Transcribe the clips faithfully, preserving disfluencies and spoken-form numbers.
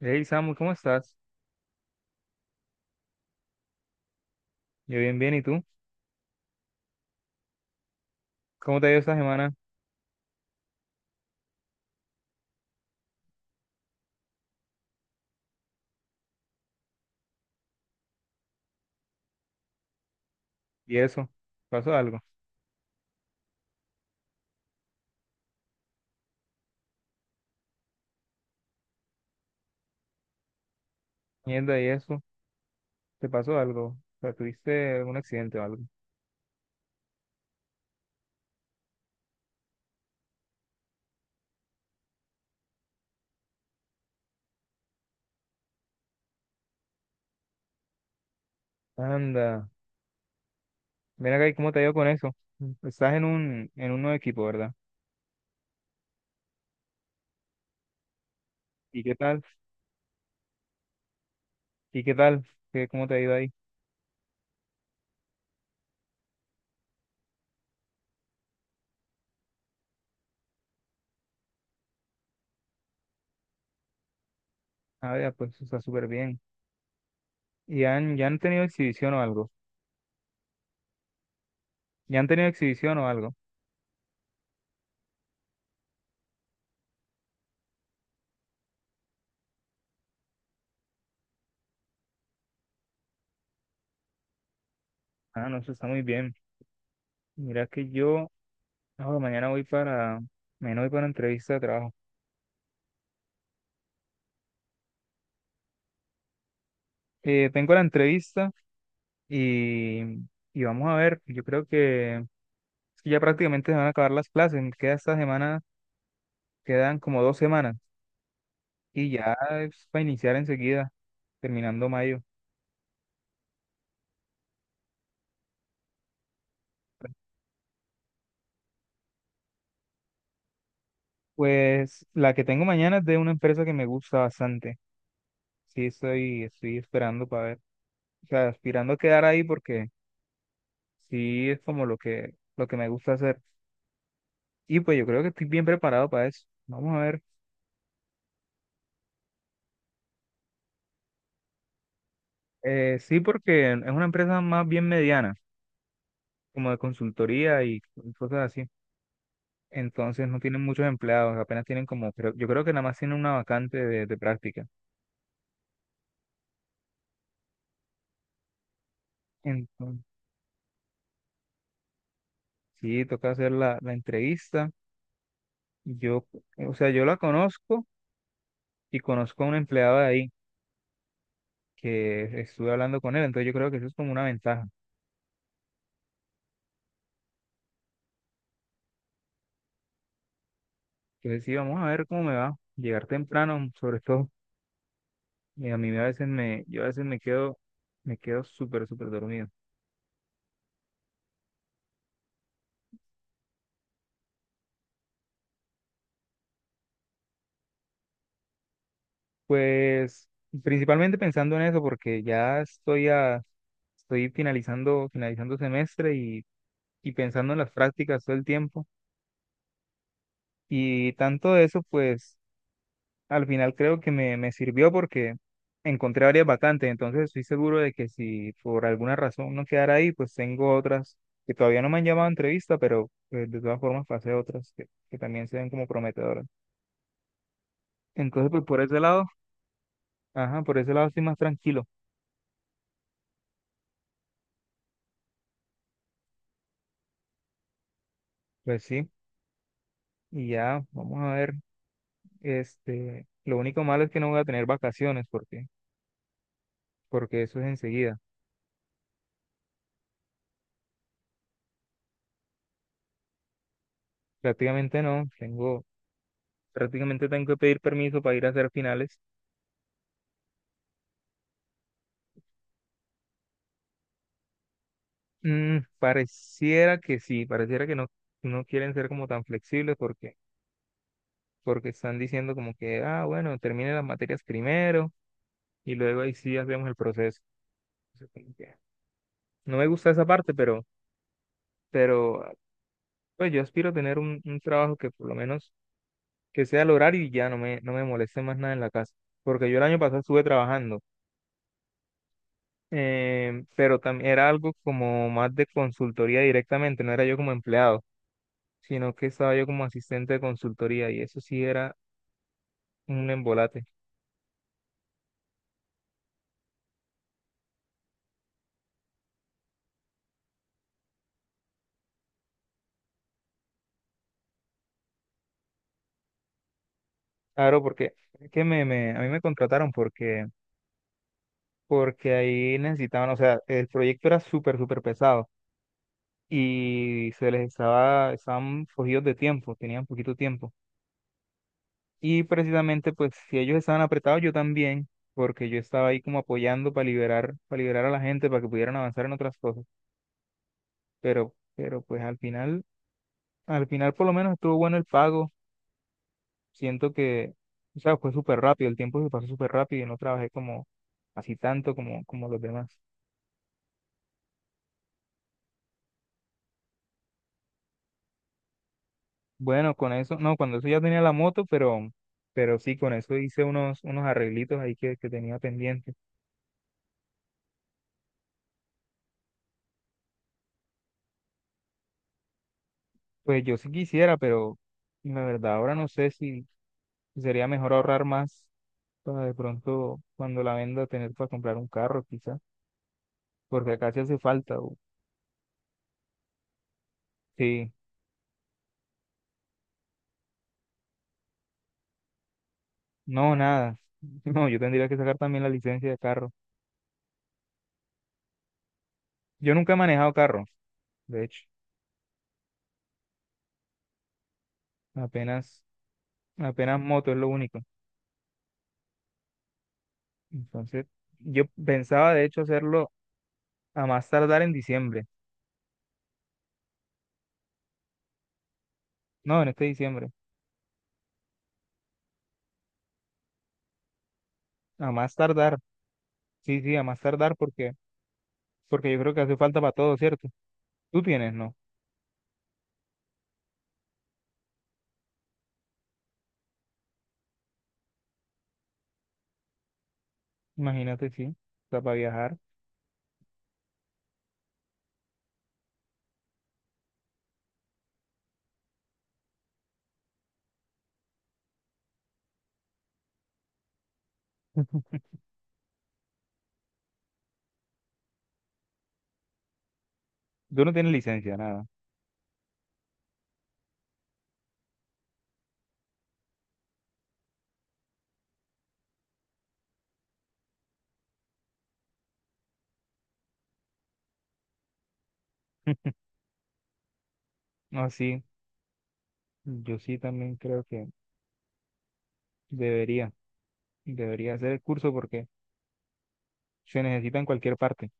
Hey Samu, ¿cómo estás? Yo bien, bien, ¿y tú? ¿Cómo te ha ido esta semana? ¿Y eso? ¿Pasó algo? Mierda, ¿y eso? ¿Te pasó algo? O sea, ¿tuviste algún accidente o algo? Anda, mira acá, ¿y cómo te ha ido con eso? Estás en un, en un nuevo equipo, ¿verdad? ¿Y qué tal? ¿Y qué tal? ¿Qué, cómo te ha ido ahí? Ah, ya, pues está súper bien. ¿Y han, ya han tenido exhibición o algo? ¿Ya han tenido exhibición o algo? Ah, no, eso está muy bien. Mira que yo, ah, mañana voy para, mañana voy para una entrevista de trabajo. Eh, tengo la entrevista. Y, y vamos a ver, yo creo que, es que ya prácticamente se van a acabar las clases, me queda esta semana, quedan como dos semanas y ya es para iniciar enseguida, terminando mayo. Pues la que tengo mañana es de una empresa que me gusta bastante. Sí, estoy, estoy esperando para ver, o sea, aspirando a quedar ahí porque sí es como lo que, lo que me gusta hacer. Y pues yo creo que estoy bien preparado para eso. Vamos a ver. Eh, sí, porque es una empresa más bien mediana, como de consultoría y cosas así. Entonces no tienen muchos empleados, apenas tienen como, creo- yo creo que nada más tienen una vacante de, de práctica. Entonces, sí, toca hacer la, la entrevista. Yo, o sea, yo la conozco y conozco a un empleado de ahí que estuve hablando con él, entonces yo creo que eso es como una ventaja. Entonces sí, vamos a ver cómo me va. Llegar temprano, sobre todo, y a mí a veces me, yo a veces me quedo, me quedo súper, súper dormido. Pues principalmente pensando en eso, porque ya estoy a, estoy finalizando, finalizando semestre y pensando en las prácticas todo el tiempo. Y tanto de eso, pues al final creo que me, me sirvió porque encontré varias vacantes, entonces estoy seguro de que si por alguna razón no quedara ahí, pues tengo otras que todavía no me han llamado a entrevista, pero pues, de todas formas pasé otras que, que también se ven como prometedoras. Entonces, pues por ese lado, ajá, por ese lado estoy más tranquilo. Pues sí, y ya, vamos a ver, este, lo único malo es que no voy a tener vacaciones porque, porque eso es enseguida. Prácticamente no, tengo. Prácticamente tengo que pedir permiso para ir a hacer finales. Mm, pareciera que sí, pareciera que no, no quieren ser como tan flexibles porque, porque están diciendo como que, ah, bueno, termine las materias primero y luego ahí sí hacemos el proceso. Entonces, como que no me gusta esa parte, pero, pero pues yo aspiro a tener un, un trabajo que por lo menos que sea al horario y ya no me, no me moleste más nada en la casa. Porque yo el año pasado estuve trabajando, eh, pero también era algo como más de consultoría directamente, no era yo como empleado, sino que estaba yo como asistente de consultoría y eso sí era un embolate. Claro, porque es que me, me- a mí me contrataron porque, porque ahí necesitaban, o sea, el proyecto era súper, súper pesado y se les estaba, estaban cogidos de tiempo, tenían poquito tiempo. Y precisamente, pues, si ellos estaban apretados, yo también, porque yo estaba ahí como apoyando para liberar, para liberar a la gente, para que pudieran avanzar en otras cosas. Pero, pero pues al final, al final por lo menos estuvo bueno el pago. Siento que, o sea, fue súper rápido, el tiempo se pasó súper rápido y no trabajé como así tanto como, como los demás. Bueno, con eso, no, cuando eso ya tenía la moto, pero, pero sí, con eso hice unos, unos arreglitos ahí que, que tenía pendiente. Pues yo sí quisiera, pero la verdad ahora no sé si si sería mejor ahorrar más para de pronto cuando la venda tener para comprar un carro, quizá, porque acá sí hace falta. O- sí, no, nada. No, yo tendría que sacar también la licencia de carro. Yo nunca he manejado carro, de hecho. Apenas, Apenas moto es lo único. Entonces, yo pensaba de hecho hacerlo a más tardar en diciembre. No, en este diciembre. A más tardar. Sí, sí, a más tardar porque, porque yo creo que hace falta para todo, ¿cierto? Tú tienes, ¿no? Imagínate, sí. O sea, para viajar. Tú no tienes licencia, nada. No, sí. Yo sí también creo que debería, debería hacer el curso porque se necesita en cualquier parte.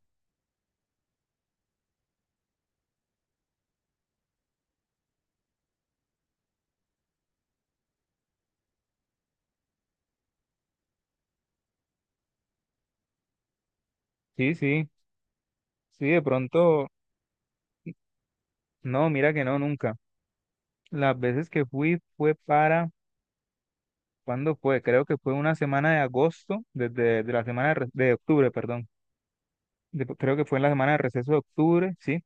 Sí, sí. Sí, de pronto, no, mira que no, nunca. Las veces que fui fue para... ¿Cuándo fue? Creo que fue una semana de agosto, desde de la semana de, re- de octubre, perdón. De- creo que fue en la semana de receso de octubre, sí.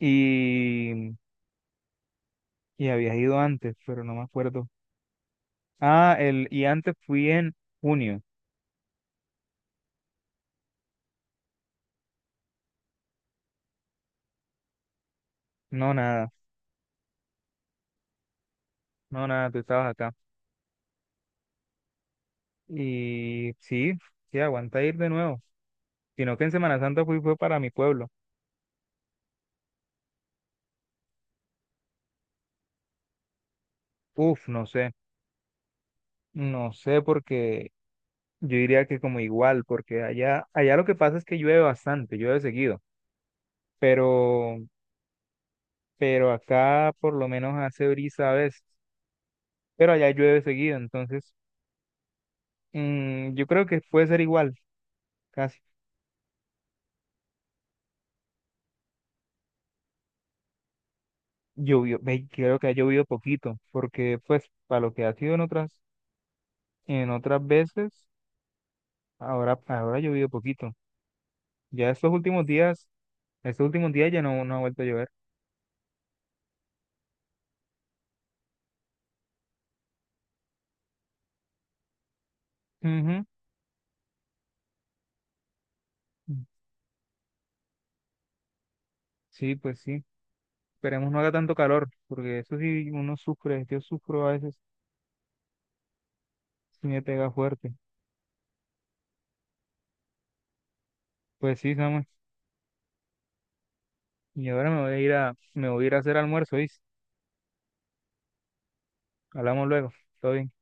Y, y había ido antes, pero no me acuerdo. Ah, el, y antes fui en junio. No, nada, no, nada, tú estabas acá. Y sí, sí, aguanta ir de nuevo. Sino que en Semana Santa fui fue para mi pueblo. Uf, no sé, no sé porque yo diría que como igual, porque allá, allá lo que pasa es que llueve bastante, llueve seguido, pero pero acá por lo menos hace brisa a veces, pero allá llueve seguido, entonces mm, yo creo que puede ser igual, casi. Llovió, ve, creo que ha llovido poquito, porque pues para lo que ha sido en otras, en otras veces, ahora, ahora ha llovido poquito. Ya estos últimos días, estos últimos días ya no, no ha vuelto a llover. Ujú. Sí, pues sí. Esperemos no haga tanto calor, porque eso sí uno sufre, yo sufro a veces si me pega fuerte. Pues sí, Samuel. Y ahora me voy a ir a, me voy a ir a hacer almuerzo, ¿oíste? Hablamos luego. Todo bien.